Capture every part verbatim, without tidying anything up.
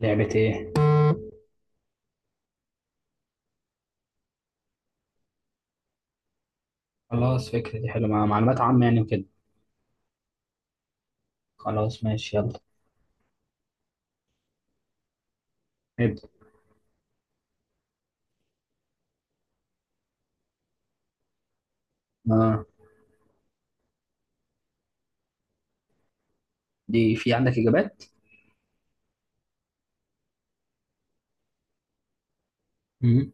لعبة ايه؟ خلاص فكرة دي حلوة مع معلومات عامة يعني وكده. خلاص ماشي يلا. نبدأ. آه، دي في عندك إجابات؟ مم.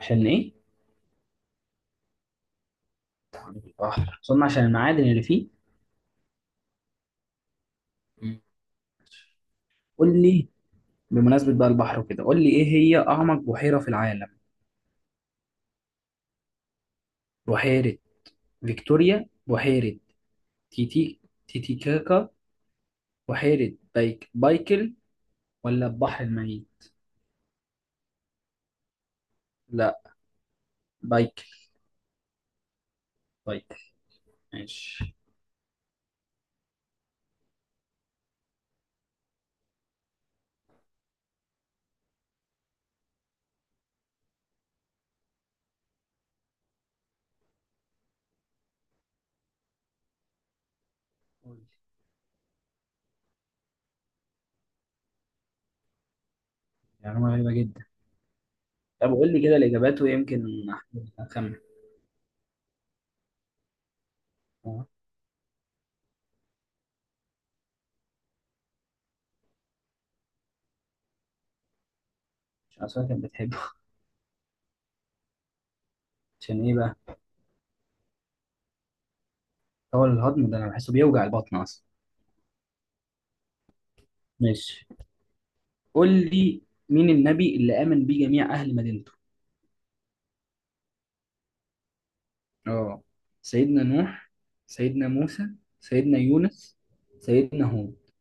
عشان ايه؟ تعميد البحر أظن عشان المعادن اللي فيه. مم. قول لي. بمناسبة بقى البحر وكده، قول لي ايه هي أعمق بحيرة في العالم؟ بحيرة فيكتوريا، بحيرة تيتي تيتيكاكا، بحيرة بايك بايكل، ولا البحر الميت؟ لا، بايكل. بايكل. ماشي. قول لي. معلومة غريبة جدا. طب قول لي كده الإجابات ويمكن أخمن. آه، عشان أسوأ كانت بتحبه. عشان إيه بقى؟ هو الهضم ده أنا بحسه بيوجع البطن أصلا. ماشي. قول لي، مين النبي اللي آمن بيه جميع أهل مدينته؟ اه، سيدنا نوح، سيدنا موسى، سيدنا يونس، سيدنا هود.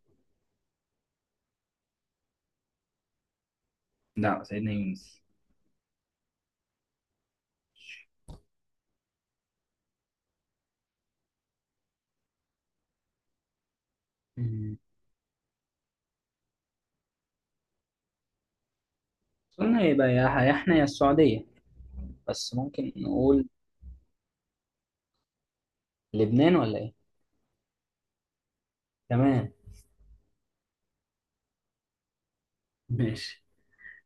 لا، سيدنا يونس. مم. قلنا يبقى يا يا احنا يا السعودية، بس ممكن نقول لبنان ولا ايه. تمام. ماشي.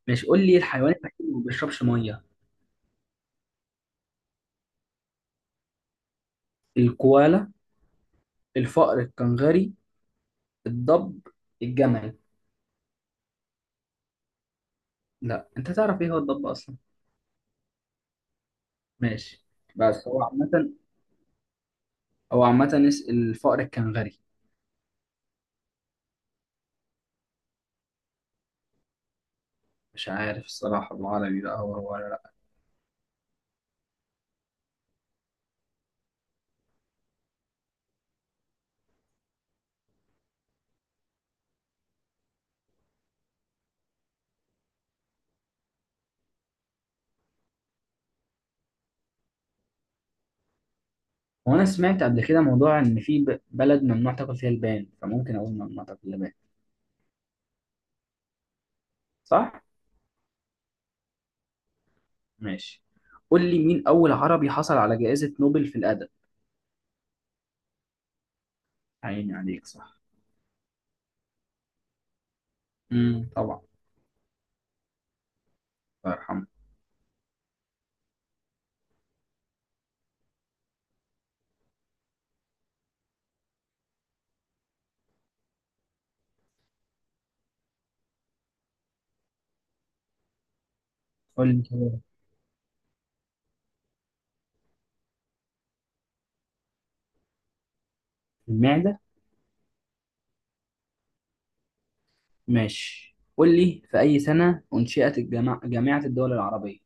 ماشي، قول لي الحيوان الوحيد اللي ما بيشربش مية. الكوالا، الفأر الكنغري، الضب، الجمل. لا انت تعرف ايه هو الضب اصلا؟ ماشي. بس هو عامة، هو عامة اس- الفأر الكنغري. مش عارف الصراحة بالعربي بقى هو هو ولا لا. هو انا سمعت قبل كده موضوع ان في ب- بلد ممنوع تاكل فيها البان، فممكن اقول ممنوع تاكل اللبان. صح. ماشي. قول لي، مين اول عربي حصل على جائزة نوبل في الادب؟ عيني عليك، صح. امم، طبعا. الله يرحمه. قول لي كده. المعدة. ماشي، قول لي في اي سنة انشئت الجامعة، جامعة الدول العربية؟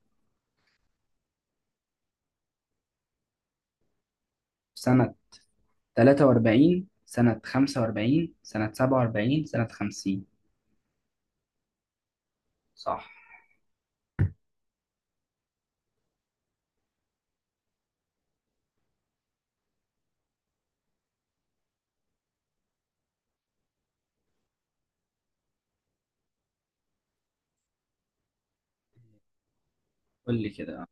سنة تلاتة وأربعين، سنة خمسة وأربعين، سنة سبعة وأربعين، سنة خمسين. صح. قول لي كده.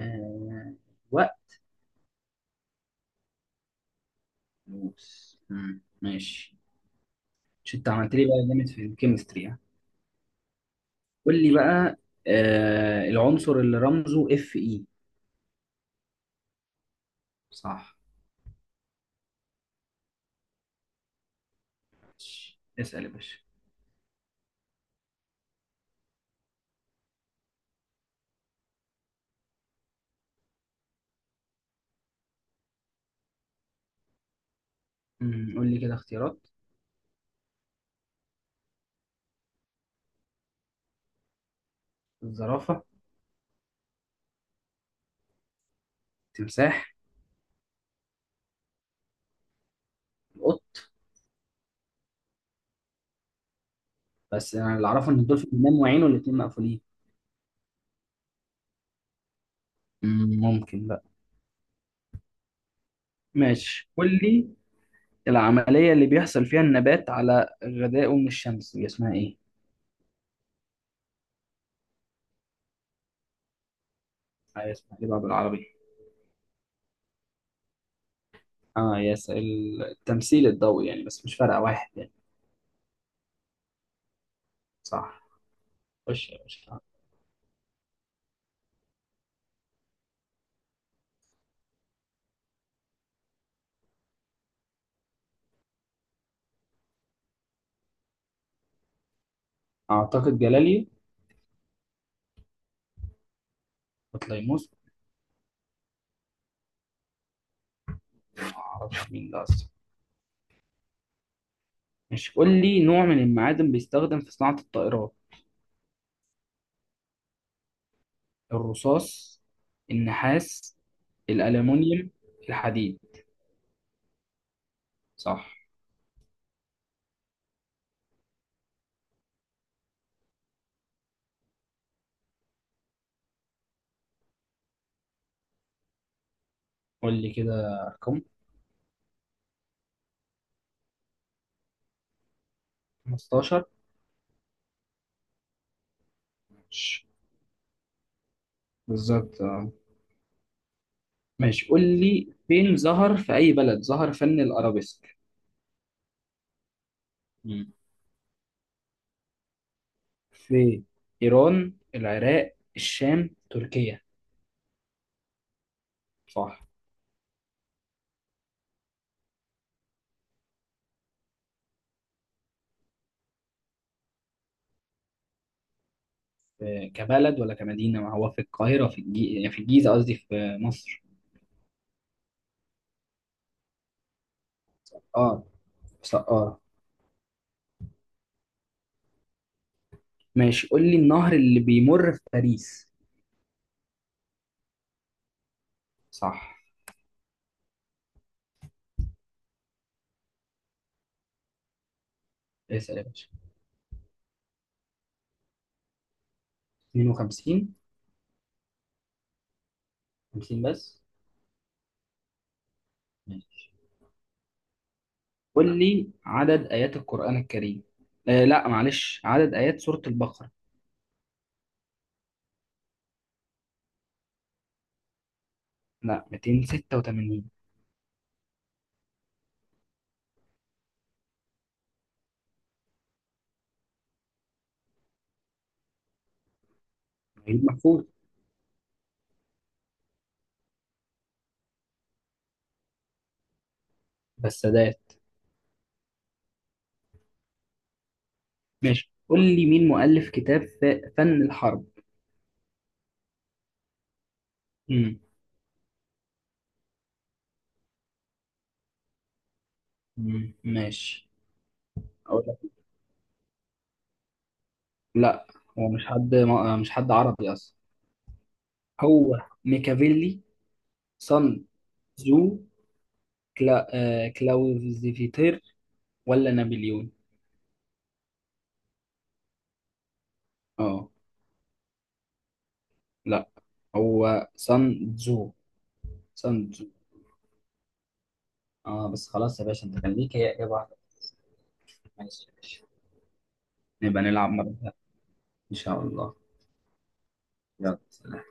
آه... وقت. موس، مم، ماشي. مش أنت عملت لي بقى جامد في الكيمستري ها؟ قول لي بقى، آه... العنصر اللي رمزه اف اي. صح. اسأل يا باشا. مم، قول لي كده اختيارات. الزرافة، التمساح، القط. بس أنا اللي أعرفه إن الدولفين بينام وعينه الاتنين مقفولين. مم، ممكن بقى. ماشي، قول لي، العملية اللي بيحصل فيها النبات على غذائه من الشمس دي اسمها إيه؟ آه، اسمها إيه بقى بالعربي؟ آه يس، ال- التمثيل الضوئي يعني بس مش فارقة واحد يعني. صح. خش يا باشا. أعتقد جلالي وطليموس. معرفش مين ده أصلا. مش قول لي نوع من المعادن بيستخدم في صناعة الطائرات. الرصاص، النحاس، الألمونيوم، الحديد. صح. قول لي كده رقم. خمستاشر. ش- بالظبط. ماشي، قول لي فين ظهر، في أي بلد ظهر فن الأرابيسك؟ مم. في إيران، العراق، الشام، تركيا. صح. في- كبلد ولا كمدينة؟ ما هو في القاهرة، في الجي... يعني في الجيزة، قصدي في مصر. اه، ص- اه. ماشي، قول لي النهر اللي بيمر في باريس. صح. اسأل يا باشا. اتنين وخمسين. خمسين بس. ماشي. قول لي عدد آيات القرآن الكريم. آه لا معلش، عدد آيات سورة البقرة. لا، مئتين وستة وثمانين. غريب محفوظ. بالسادات. ماشي، قول لي مين مؤلف كتاب ف- فن الحرب؟ مم. مم. ماشي. أقول لك، لا، هو مش حد ما- مش حد عربي أصلا. هو ميكافيلي، سون زو، كلا... آه... كلاوزيفيتير، ولا نابليون. اه. لا، هو سان تزو. سان تزو. اه بس خلاص يا باشا، أنت كان ليك هي إجابة واحدة. ماشي يا باشا. نبقى نلعب مرة تانية إن شاء الله. يلا.